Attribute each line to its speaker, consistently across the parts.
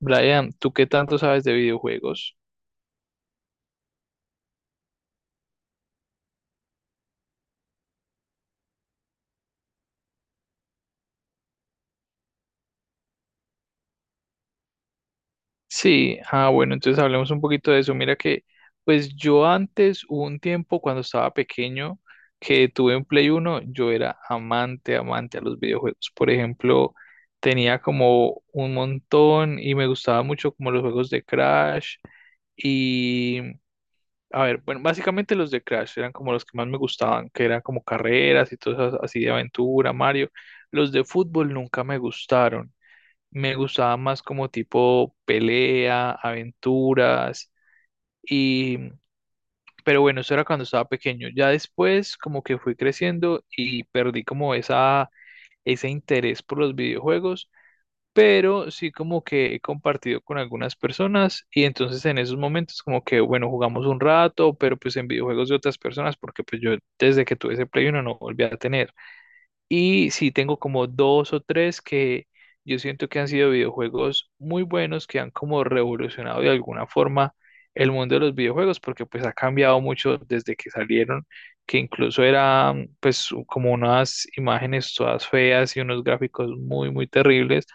Speaker 1: Brian, ¿tú qué tanto sabes de videojuegos? Sí, bueno, entonces hablemos un poquito de eso. Mira que, pues yo antes, hubo un tiempo cuando estaba pequeño, que tuve un Play uno, yo era amante, amante a los videojuegos. Por ejemplo, tenía como un montón y me gustaba mucho como los juegos de Crash y, a ver, bueno, básicamente los de Crash eran como los que más me gustaban, que eran como carreras y todo eso así de aventura, Mario. Los de fútbol nunca me gustaron. Me gustaba más como tipo pelea, aventuras y pero bueno, eso era cuando estaba pequeño. Ya después como que fui creciendo y perdí como esa ese interés por los videojuegos, pero sí como que he compartido con algunas personas y entonces en esos momentos como que bueno, jugamos un rato, pero pues en videojuegos de otras personas porque pues yo desde que tuve ese Play uno no volví a tener. Y sí, tengo como dos o tres que yo siento que han sido videojuegos muy buenos, que han como revolucionado de alguna forma el mundo de los videojuegos, porque pues ha cambiado mucho desde que salieron, que incluso eran pues como unas imágenes todas feas y unos gráficos muy terribles,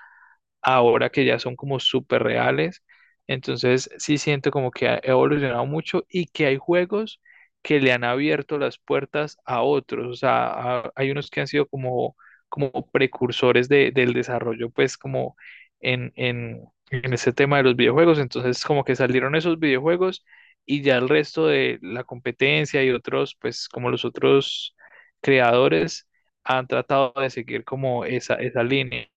Speaker 1: ahora que ya son como súper reales. Entonces sí siento como que ha evolucionado mucho y que hay juegos que le han abierto las puertas a otros. O sea, hay unos que han sido como, como precursores del desarrollo, pues como en, en, en ese tema de los videojuegos. Entonces como que salieron esos videojuegos y ya el resto de la competencia y otros, pues como los otros creadores han tratado de seguir como esa línea,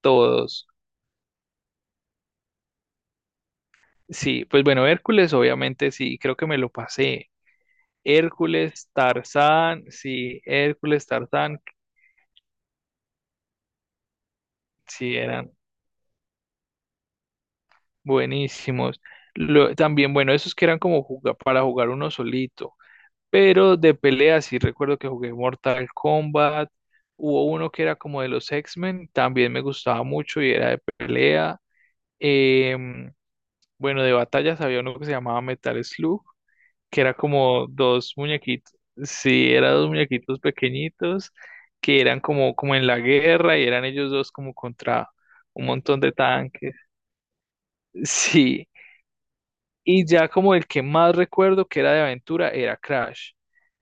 Speaker 1: todos. Sí, pues bueno, Hércules, obviamente sí, creo que me lo pasé. Hércules, Tarzán, sí, eran buenísimos. También, bueno, esos que eran como para jugar uno solito, pero de pelea sí recuerdo que jugué Mortal Kombat. Hubo uno que era como de los X-Men, también me gustaba mucho y era de pelea. Em, bueno, de batallas había uno que se llamaba Metal Slug que era como dos muñequitos, sí, eran dos muñequitos pequeñitos que eran como, como en la guerra y eran ellos dos como contra un montón de tanques, sí. Y ya como el que más recuerdo que era de aventura era Crash,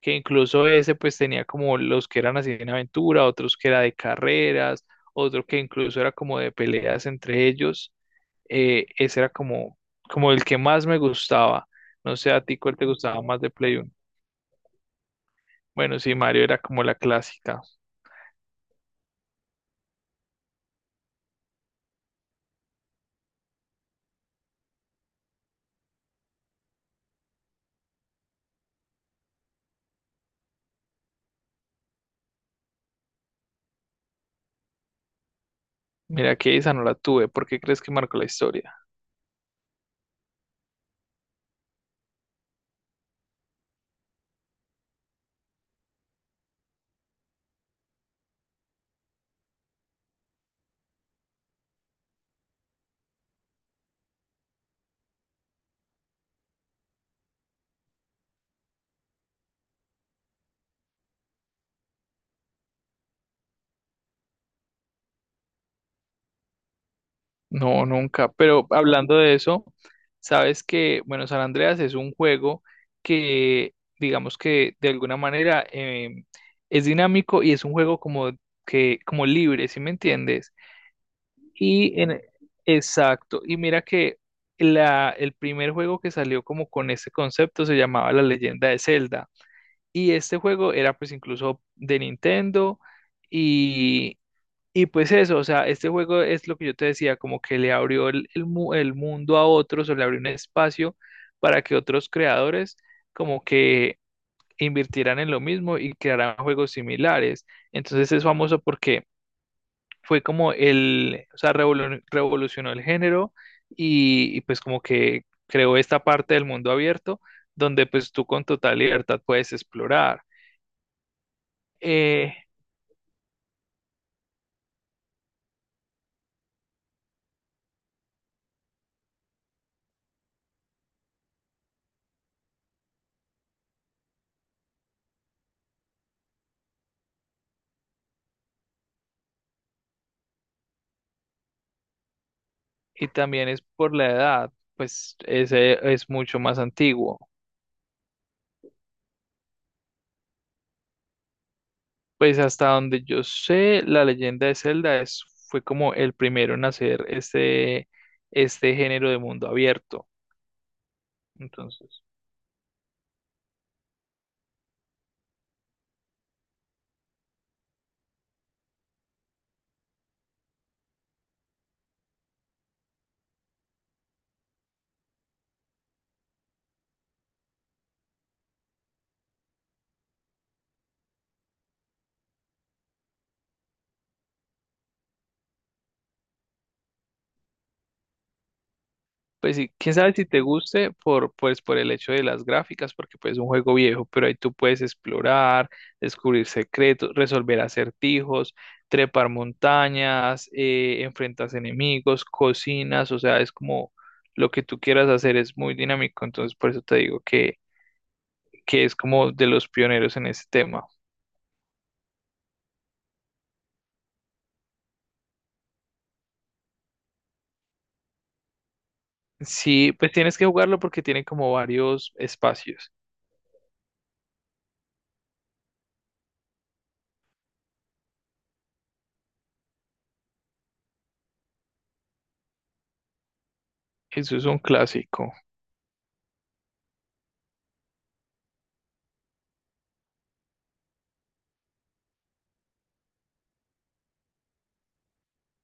Speaker 1: que incluso ese pues tenía como los que eran así en aventura, otros que era de carreras, otro que incluso era como de peleas entre ellos. Ese era como, como el que más me gustaba. No sé a ti cuál te gustaba más de Play. Bueno, sí, Mario era como la clásica. Mira que esa no la tuve. ¿Por qué crees que marcó la historia? No, nunca. Pero hablando de eso, sabes que, bueno, San Andreas es un juego que, digamos que de alguna manera es dinámico y es un juego como que, como libre, ¿sí me entiendes? Y en, exacto, y mira que la, el primer juego que salió como con este concepto se llamaba La Leyenda de Zelda. Y este juego era pues incluso de Nintendo y, y pues eso, o sea, este juego es lo que yo te decía, como que le abrió el, el mundo a otros o le abrió un espacio para que otros creadores como que invirtieran en lo mismo y crearan juegos similares. Entonces es famoso porque fue como el, o sea, revolucionó el género pues como que creó esta parte del mundo abierto donde pues tú con total libertad puedes explorar. Eh, y también es por la edad, pues ese es mucho más antiguo. Pues hasta donde yo sé, la leyenda de Zelda es, fue como el primero en hacer este, este género de mundo abierto. Entonces. Pues sí, quién sabe si te guste por, pues, por el hecho de las gráficas, porque pues es un juego viejo, pero ahí tú puedes explorar, descubrir secretos, resolver acertijos, trepar montañas, enfrentas enemigos, cocinas, o sea, es como lo que tú quieras hacer es muy dinámico, entonces por eso te digo que es como de los pioneros en ese tema. Sí, pues tienes que jugarlo porque tiene como varios espacios. Eso es un clásico,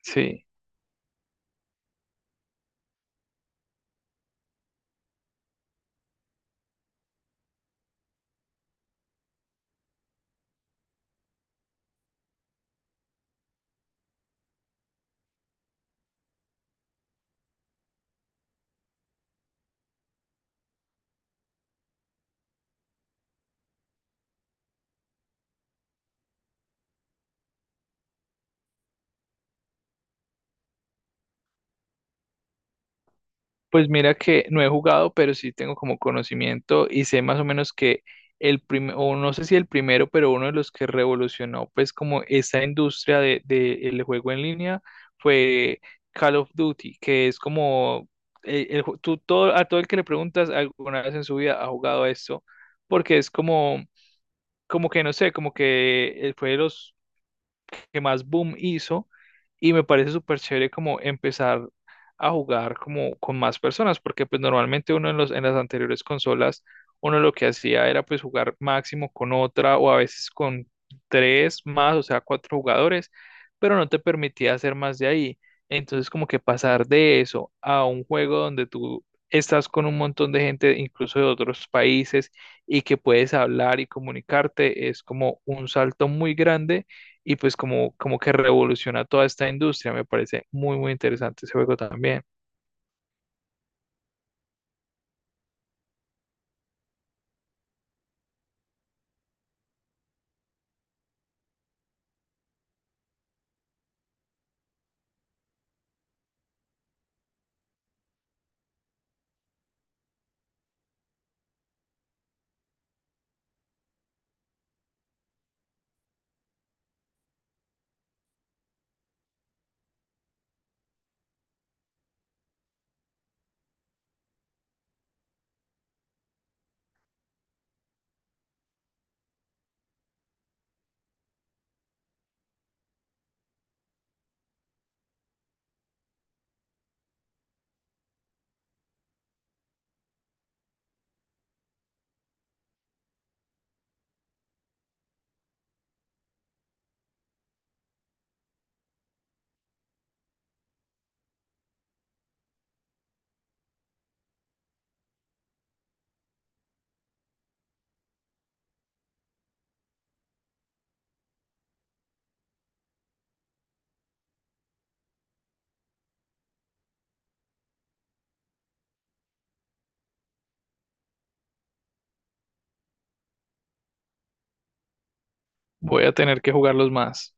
Speaker 1: sí. Pues mira que no he jugado, pero sí tengo como conocimiento y sé más o menos que el primero, o no sé si el primero, pero uno de los que revolucionó pues como esa industria de el juego en línea fue Call of Duty, que es como tú todo, a todo el que le preguntas alguna vez en su vida ha jugado a esto, porque es como, como que no sé, como que fue de los que más boom hizo y me parece súper chévere como empezar a jugar como con más personas, porque pues normalmente uno en los, en las anteriores consolas, uno lo que hacía era pues jugar máximo con otra o a veces con tres más, o sea, cuatro jugadores, pero no te permitía hacer más de ahí. Entonces como que pasar de eso a un juego donde tú estás con un montón de gente, incluso de otros países, y que puedes hablar y comunicarte, es como un salto muy grande y pues como, como que revoluciona toda esta industria. Me parece muy interesante ese juego también. Voy a tener que jugarlos más.